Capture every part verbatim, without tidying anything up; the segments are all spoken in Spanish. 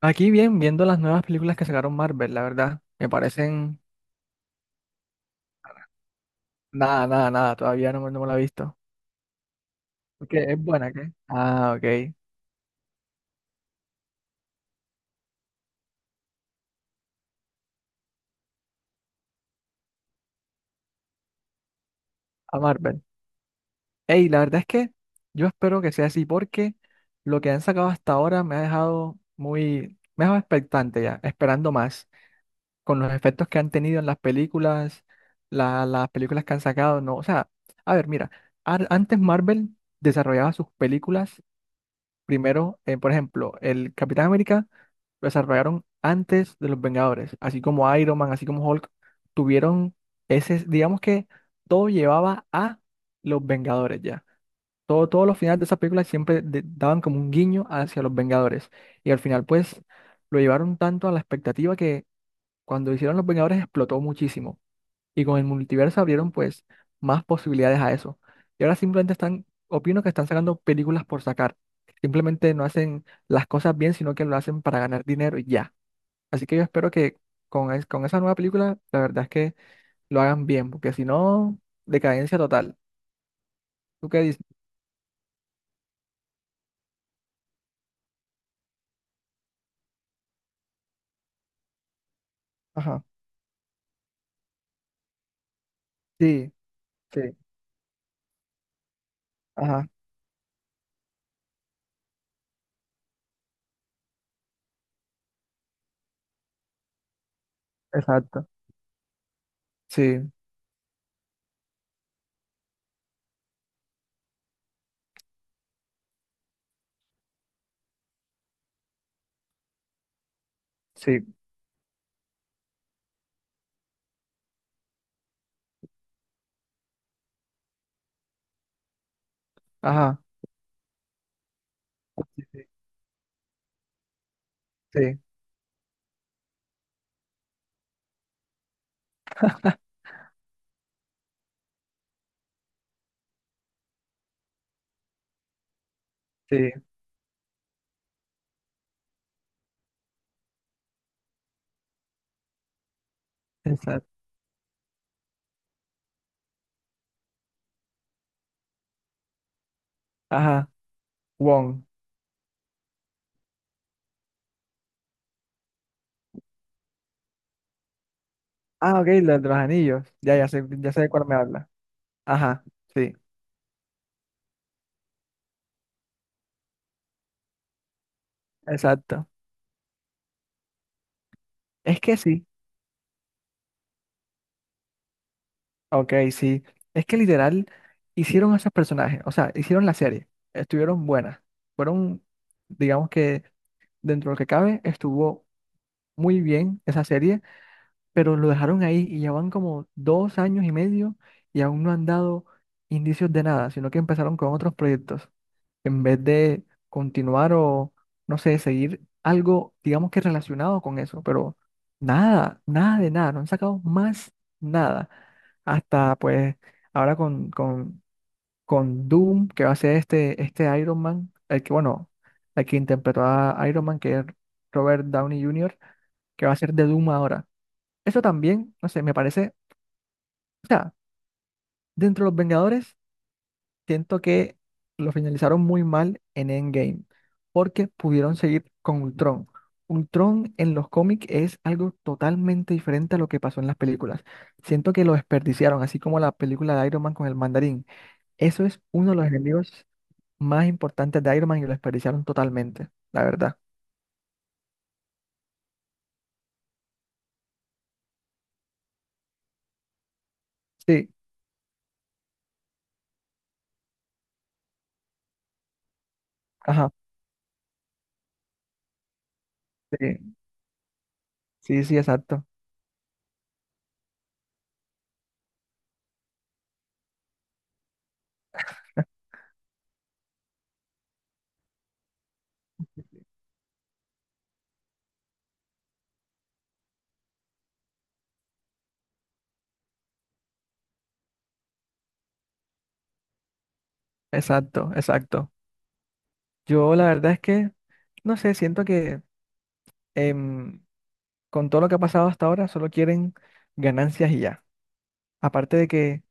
Aquí bien, viendo las nuevas películas que sacaron Marvel, la verdad, me parecen nada, nada, nada, todavía no, me- no me la he visto. Porque es buena, ¿qué? Ah, ok, a Marvel. Ey, la verdad es que yo espero que sea así porque lo que han sacado hasta ahora me ha dejado muy, me ha dejado expectante ya, esperando más, con los efectos que han tenido en las películas, la- las películas que han sacado, no, o sea, a ver, mira, ar- antes Marvel desarrollaba sus películas primero, eh, por ejemplo, el Capitán América lo desarrollaron antes de los Vengadores, así como Iron Man, así como Hulk, tuvieron ese, digamos que todo llevaba a los Vengadores ya. Todo, todos los finales de esa película siempre de- daban como un guiño hacia los Vengadores. Y al final, pues, lo llevaron tanto a la expectativa que cuando hicieron los Vengadores explotó muchísimo. Y con el multiverso abrieron pues más posibilidades a eso. Y ahora simplemente están, opino que están sacando películas por sacar. Simplemente no hacen las cosas bien, sino que lo hacen para ganar dinero y ya. Así que yo espero que con, es- con esa nueva película, la verdad es que lo hagan bien, porque si no, decadencia total. ¿Tú qué dices? Ajá. Sí, sí, ajá, exacto. Sí, sí, ajá. Sí, sí, sí, sí, exacto. Ajá. Wong. Ah, ok, la de los anillos. Ya, ya sé, ya sé de cuál me habla. Ajá, sí, exacto. Es que sí, ok, sí. Es que literal hicieron a esos personajes, o sea, hicieron la serie, estuvieron buenas, fueron, digamos que dentro de lo que cabe, estuvo muy bien esa serie. Pero lo dejaron ahí y ya van como dos años y medio y aún no han dado indicios de nada, sino que empezaron con otros proyectos. En vez de continuar o, no sé, seguir algo, digamos que relacionado con eso, pero nada, nada de nada, no han sacado más nada. Hasta pues ahora con, con, con Doom, que va a ser este, este Iron Man, el que, bueno, el que interpretó a Iron Man, que es Robert Downey junior, que va a ser de Doom ahora. Eso también, no sé, me parece, o sea, dentro de los Vengadores, siento que lo finalizaron muy mal en Endgame, porque pudieron seguir con Ultron. Ultron en los cómics es algo totalmente diferente a lo que pasó en las películas. Siento que lo desperdiciaron, así como la película de Iron Man con el mandarín. Eso es uno de los enemigos más importantes de Iron Man y lo desperdiciaron totalmente, la verdad. Sí, ajá, sí, sí, sí, exacto, exacto, exacto. Yo la verdad es que, no sé, siento que em, con todo lo que ha pasado hasta ahora, solo quieren ganancias y ya. Aparte de que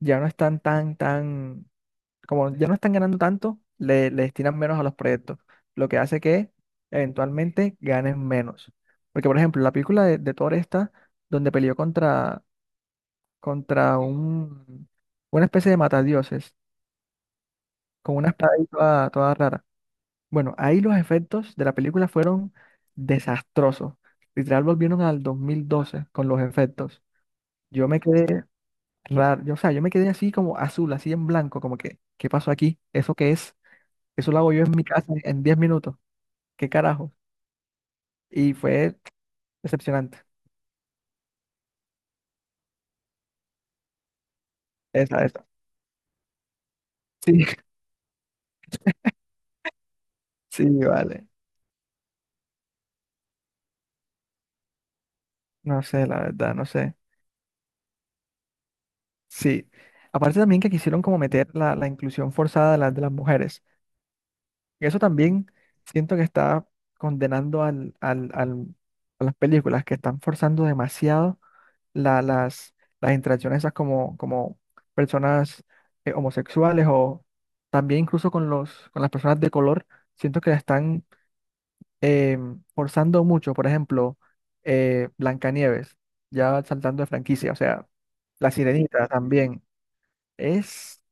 ya no están tan, tan, como ya no están ganando tanto, le, le destinan menos a los proyectos, lo que hace que eventualmente ganen menos. Porque, por ejemplo, la película de, de Thor esta, donde peleó contra, contra un, una especie de matadioses, con una espada ahí toda, toda rara. Bueno, ahí los efectos de la película fueron desastrosos. Literal volvieron al dos mil doce con los efectos. Yo me quedé raro, yo, o sea, yo me quedé así como azul, así en blanco, como que, ¿qué pasó aquí? ¿Eso qué es? Eso lo hago yo en mi casa en diez minutos. ¿Qué carajo? Y fue decepcionante. Esa, esa. Sí, sí, vale. No sé, la verdad, no sé. Sí. Aparte también que quisieron como meter la, la inclusión forzada de, las de las mujeres. Y eso también siento que está condenando al, al, al- a las películas que están forzando demasiado la- las, las interacciones esas como, como personas eh, homosexuales o también incluso con los, con las personas de color, siento que la están eh, forzando mucho. Por ejemplo, eh, Blancanieves, ya saltando de franquicia, o sea, La Sirenita también. Es,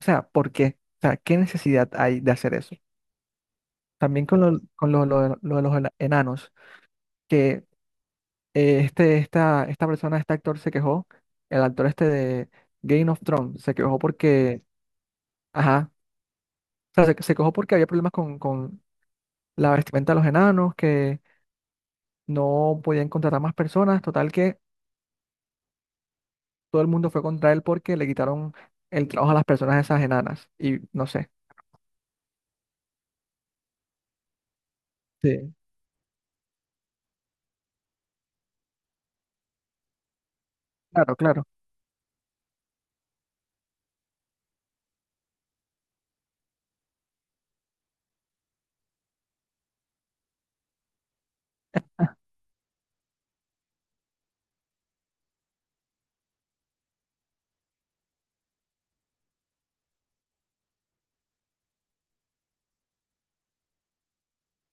o sea, ¿por qué? O sea, ¿qué necesidad hay de hacer eso? También con lo, con lo, lo de lo de los enanos, que eh, este, esta, esta persona, este actor se quejó, el actor este de Game of Thrones, se quejó porque, ajá, o sea, se, se quejó porque había problemas con, con la vestimenta de los enanos, que no podían contratar más personas, total que todo el mundo fue contra él porque le quitaron el trabajo a las personas esas enanas, y no sé. Sí. Claro, claro,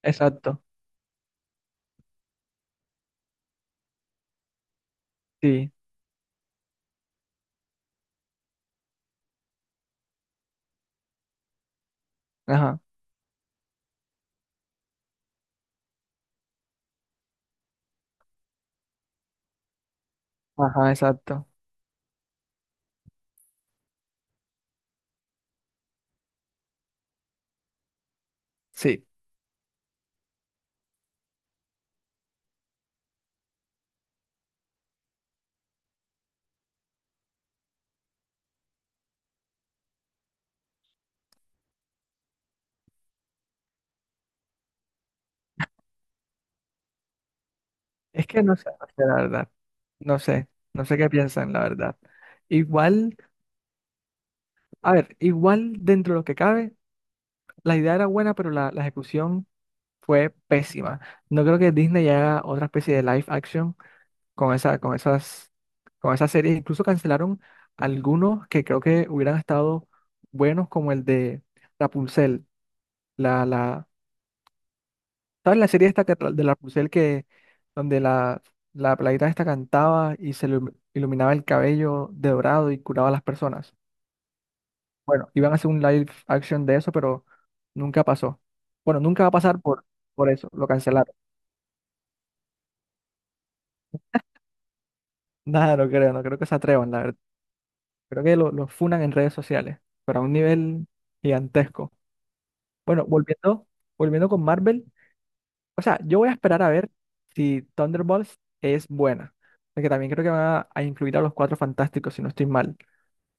exacto, sí, ajá, ajá, exacto, sí. Es que no sé, no sé, la verdad, no sé, no sé qué piensan, la verdad. Igual. A ver, igual dentro de lo que cabe, la idea era buena, pero la, la ejecución fue pésima. No creo que Disney haga otra especie de live action con esa, con esas, con esas series. Incluso cancelaron algunos que creo que hubieran estado buenos, como el de Rapunzel. La, la, ¿sabes la serie esta que tra- de Rapunzel que donde la, la peladita esta cantaba y se le iluminaba el cabello de dorado y curaba a las personas? Bueno, iban a hacer un live action de eso, pero nunca pasó. Bueno, nunca va a pasar por, por eso, lo cancelaron. Nada, no creo, no creo que se atrevan, la verdad. Creo que lo, lo funan en redes sociales, pero a un nivel gigantesco. Bueno, volviendo, volviendo con Marvel, o sea, yo voy a esperar a ver si Thunderbolts es buena, porque también creo que van a, a incluir a los Cuatro Fantásticos, si no estoy mal,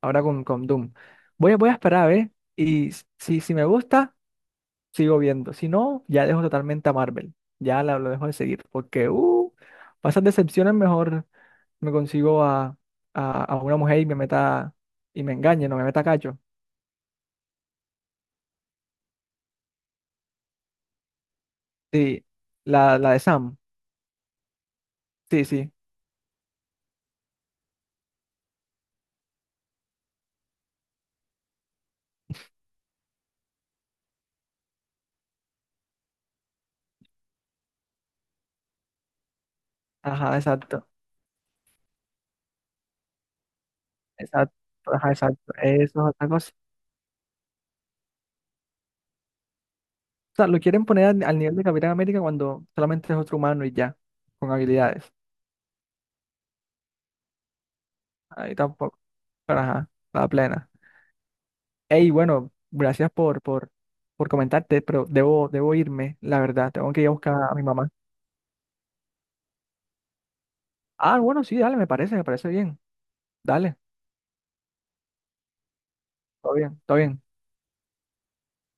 ahora con, con Doom. Voy, a- voy a esperar a ver y si, si me gusta... sigo viendo. Si no, ya dejo totalmente a Marvel. Ya la, lo dejo de seguir. Porque, uh, para decepciones mejor me consigo a, a, a una mujer y me meta y me engañe, no me meta cacho. Sí, la, la de Sam. Sí, sí. Ajá, exacto. Exacto. Ajá, exacto. Eso es otra cosa. O sea, lo quieren poner al, al nivel de Capitán América cuando solamente es otro humano y ya, con habilidades. Ahí tampoco. Pero ajá, la plena. Hey, bueno, gracias por, por, por comentarte, pero debo, debo irme, la verdad. Tengo que ir a buscar a mi mamá. Ah, bueno, sí, dale, me parece, me parece bien. Dale, todo bien, todo bien.